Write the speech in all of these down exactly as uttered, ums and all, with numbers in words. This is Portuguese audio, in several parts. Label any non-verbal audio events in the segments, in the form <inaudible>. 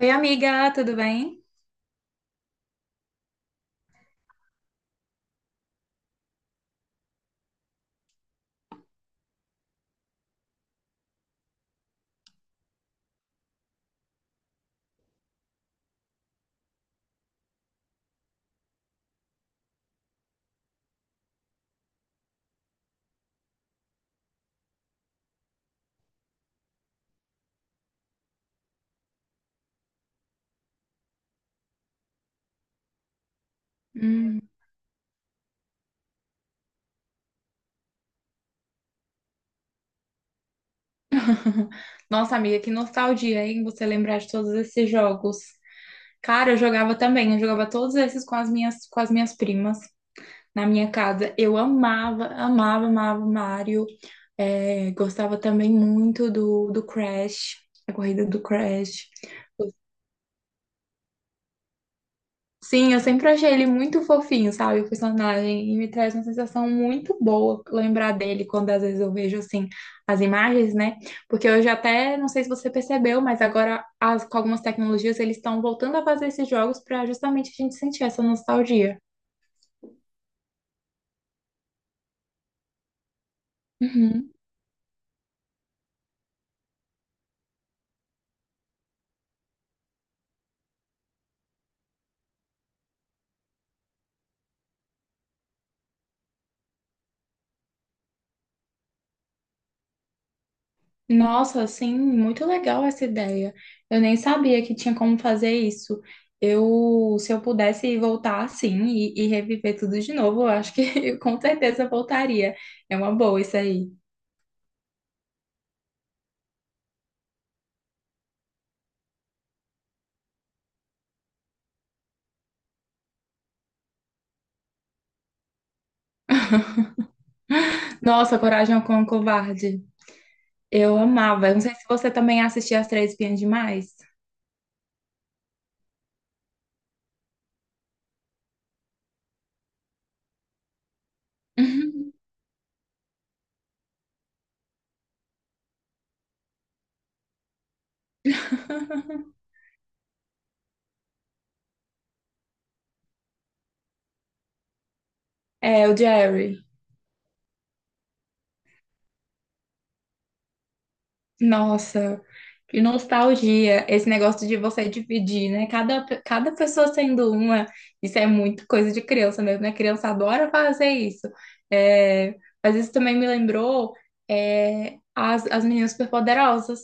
Oi, amiga, tudo bem? Hum. <laughs> Nossa, amiga, que nostalgia, hein? Você lembrar de todos esses jogos. Cara, eu jogava também, eu jogava todos esses com as minhas, com as minhas primas na minha casa. Eu amava, amava, amava Mario. É, gostava também muito do, do Crash, a corrida do Crash. Sim, eu sempre achei ele muito fofinho, sabe, o personagem, e me traz uma sensação muito boa lembrar dele quando às vezes eu vejo, assim, as imagens, né? Porque hoje até, não sei se você percebeu, mas agora as, com algumas tecnologias eles estão voltando a fazer esses jogos para justamente a gente sentir essa nostalgia. Uhum. Nossa, sim, muito legal essa ideia. Eu nem sabia que tinha como fazer isso. Eu, se eu pudesse voltar assim e, e reviver tudo de novo, eu acho que <laughs> eu com certeza voltaria. É uma boa isso aí. Nossa, Coragem com o Covarde. Eu amava. Eu não sei se você também assistia As Três Espiãs Demais. <laughs> É, o Jerry. Nossa, que nostalgia esse negócio de você dividir, né? Cada, cada pessoa sendo uma, isso é muito coisa de criança mesmo, né? Criança adora fazer isso. É, mas isso também me lembrou, é, as, as meninas superpoderosas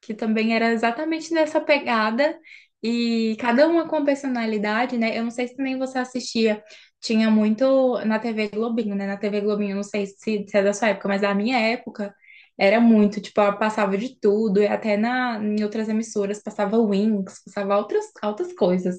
que também era exatamente nessa pegada, e cada uma com personalidade, né? Eu não sei se também você assistia, tinha muito na T V Globinho, né? Na T V Globinho, eu não sei se, se é da sua época, mas da minha época era muito, tipo, ela passava de tudo, e até na, em outras emissoras passava Wings, passava outras, outras coisas.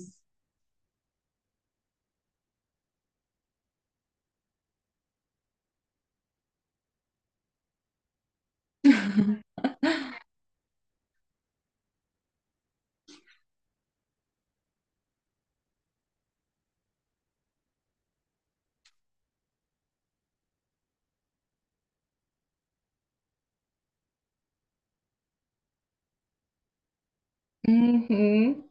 Uhum.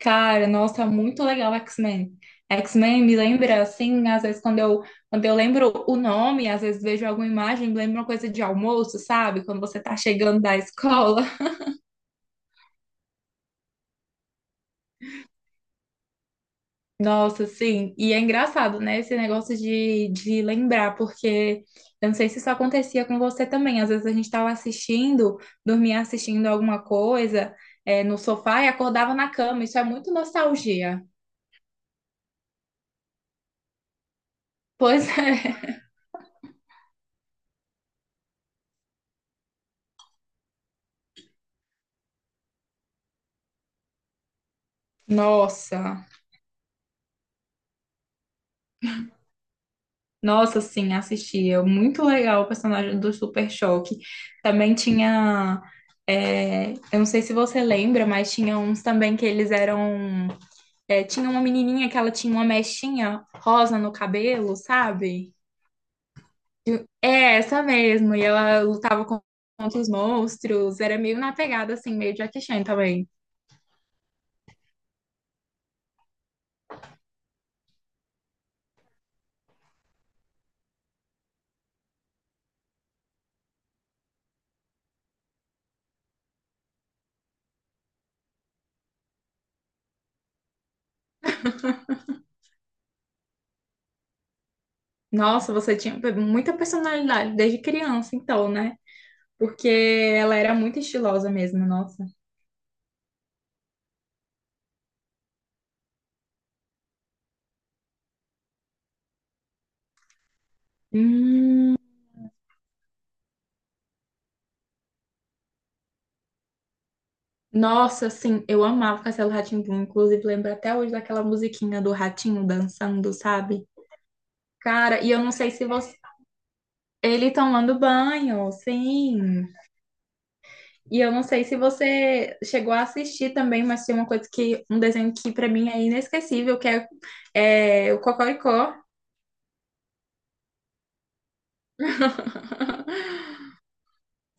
Cara, nossa, muito legal X-Men. X-Men me lembra, assim, às vezes quando eu, quando eu lembro o nome, às vezes vejo alguma imagem, me lembra uma coisa de almoço, sabe? Quando você tá chegando da escola. <laughs> Nossa, sim. E é engraçado, né? Esse negócio de, de lembrar, porque eu não sei se isso acontecia com você também. Às vezes a gente tava assistindo, dormia assistindo alguma coisa, eh, no sofá e acordava na cama. Isso é muito nostalgia. Pois <laughs> é. Nossa. Nossa, sim, assistia, muito legal o personagem do Super Choque. Também tinha. É, eu não sei se você lembra, mas tinha uns também que eles eram. É, tinha uma menininha que ela tinha uma mechinha rosa no cabelo, sabe? E- É, essa mesmo. E ela lutava con- contra os monstros. Era meio na pegada, assim, meio Jackie Chan também. Nossa, você tinha muita personalidade desde criança, então, né? Porque ela era muito estilosa mesmo, nossa. Nossa, assim, eu amava Castelo rá tim Inclusive, lembro até hoje daquela musiquinha do ratinho dançando, sabe? Cara, e eu não sei se você. Ele tomando banho, sim. E eu não sei se você chegou a assistir também, mas tem uma coisa que. Um desenho que pra mim é inesquecível, que é, é o Cocoricó. <laughs>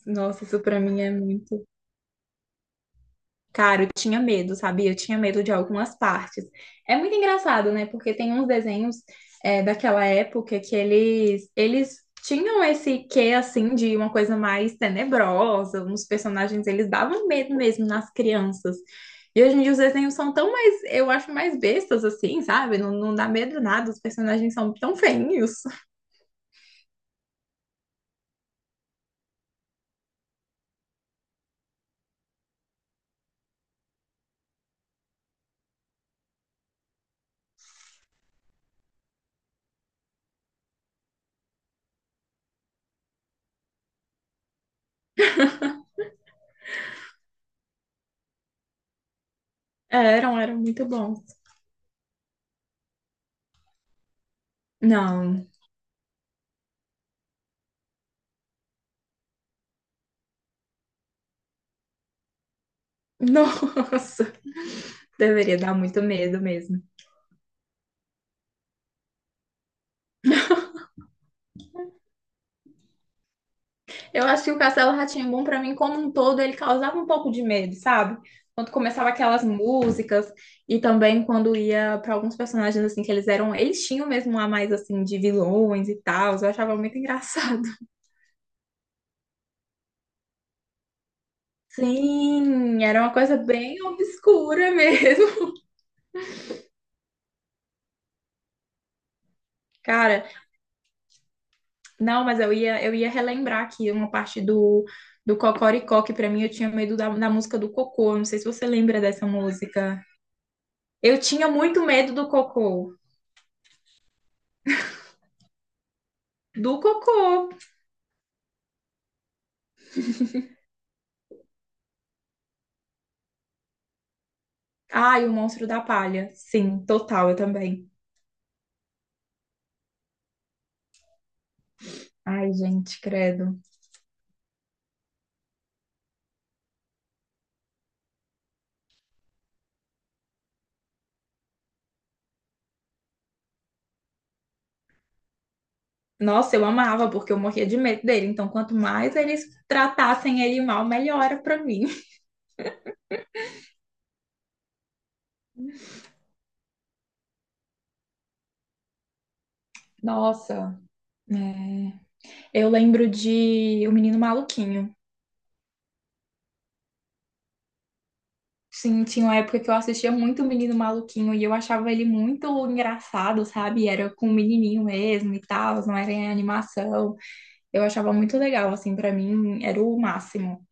Nossa, isso pra mim é muito. Cara, eu tinha medo, sabe? Eu tinha medo de algumas partes. É muito engraçado, né? Porque tem uns desenhos, é, daquela época, que eles, eles tinham esse quê, assim, de uma coisa mais tenebrosa. Uns personagens, eles davam medo mesmo nas crianças. E hoje em dia os desenhos são tão mais, eu acho, mais bestas, assim, sabe? Não, não dá medo nada, os personagens são tão feinhos. <laughs> É, eram, eram muito bons. Não, <laughs> nossa, deveria dar muito medo mesmo. Eu acho que o Castelo Rá-Tim-Bum, pra mim, como um todo, ele causava um pouco de medo, sabe? Quando começava aquelas músicas e também quando ia pra alguns personagens assim que eles eram, eles tinham mesmo um a mais assim de vilões e tal, eu achava muito engraçado. <laughs> Sim, era uma coisa bem obscura mesmo. <laughs> Cara, não, mas eu ia eu ia relembrar aqui uma parte do do Cocoricó, que pra mim eu tinha medo da, da música do Cocô. Eu não sei se você lembra dessa música. Eu tinha muito medo do Cocô. Do Cocô. Ai, o Monstro da Palha. Sim, total, eu também. Ai, gente, credo. Nossa, eu amava, porque eu morria de medo dele. Então, quanto mais eles tratassem ele mal, melhor era pra mim. <laughs> Nossa, né? Eu lembro de O Menino Maluquinho. Sim, tinha uma época que eu assistia muito O Menino Maluquinho e eu achava ele muito engraçado, sabe? Era com o menininho mesmo e tal, não era em animação. Eu achava muito legal, assim, pra mim era o máximo.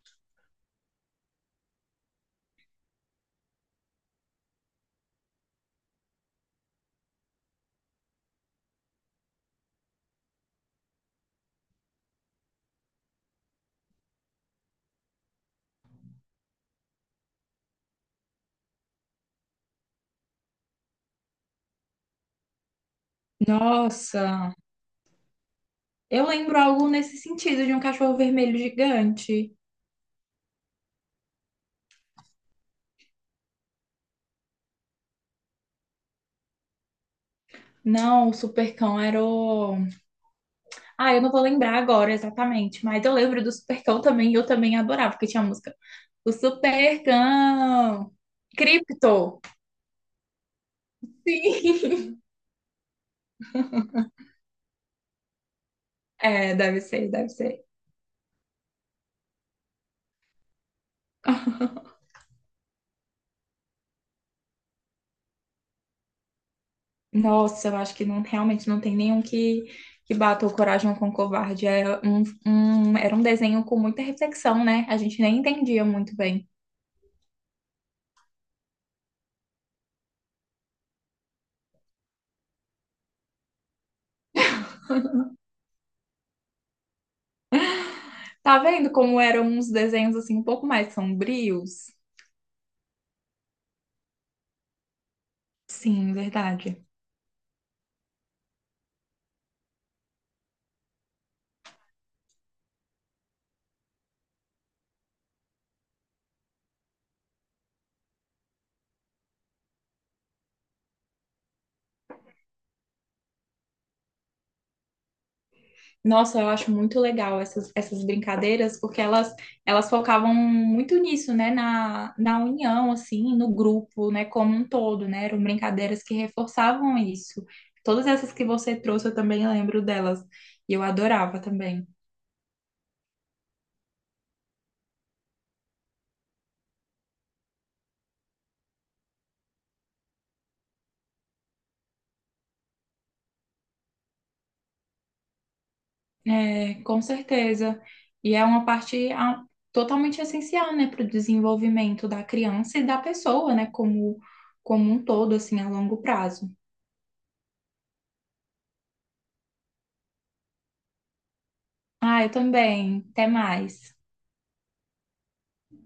Nossa! Eu lembro algo nesse sentido de um cachorro vermelho gigante. Não, o Supercão era o. Ah, eu não vou lembrar agora exatamente, mas eu lembro do Supercão também e eu também adorava, porque tinha a música. O Supercão! Cripto! Sim! <laughs> É, deve ser, deve ser. Nossa, eu acho que não, realmente não tem nenhum que, que bata o Coragem com o Covarde. É um, um- era um desenho com muita reflexão, né? A gente nem entendia muito bem. Tá vendo como eram uns desenhos assim um pouco mais sombrios? Sim, verdade. Nossa, eu acho muito legal essas, essas brincadeiras, porque elas, elas focavam muito nisso, né? Na, na união, assim, no grupo, né? Como um todo, né? Eram brincadeiras que reforçavam isso. Todas essas que você trouxe, eu também lembro delas. E eu adorava também. É, com certeza. E é uma parte ah, totalmente essencial, né, para o desenvolvimento da criança e da pessoa, né, como, como um todo, assim, a longo prazo. Ah, eu também. Até mais.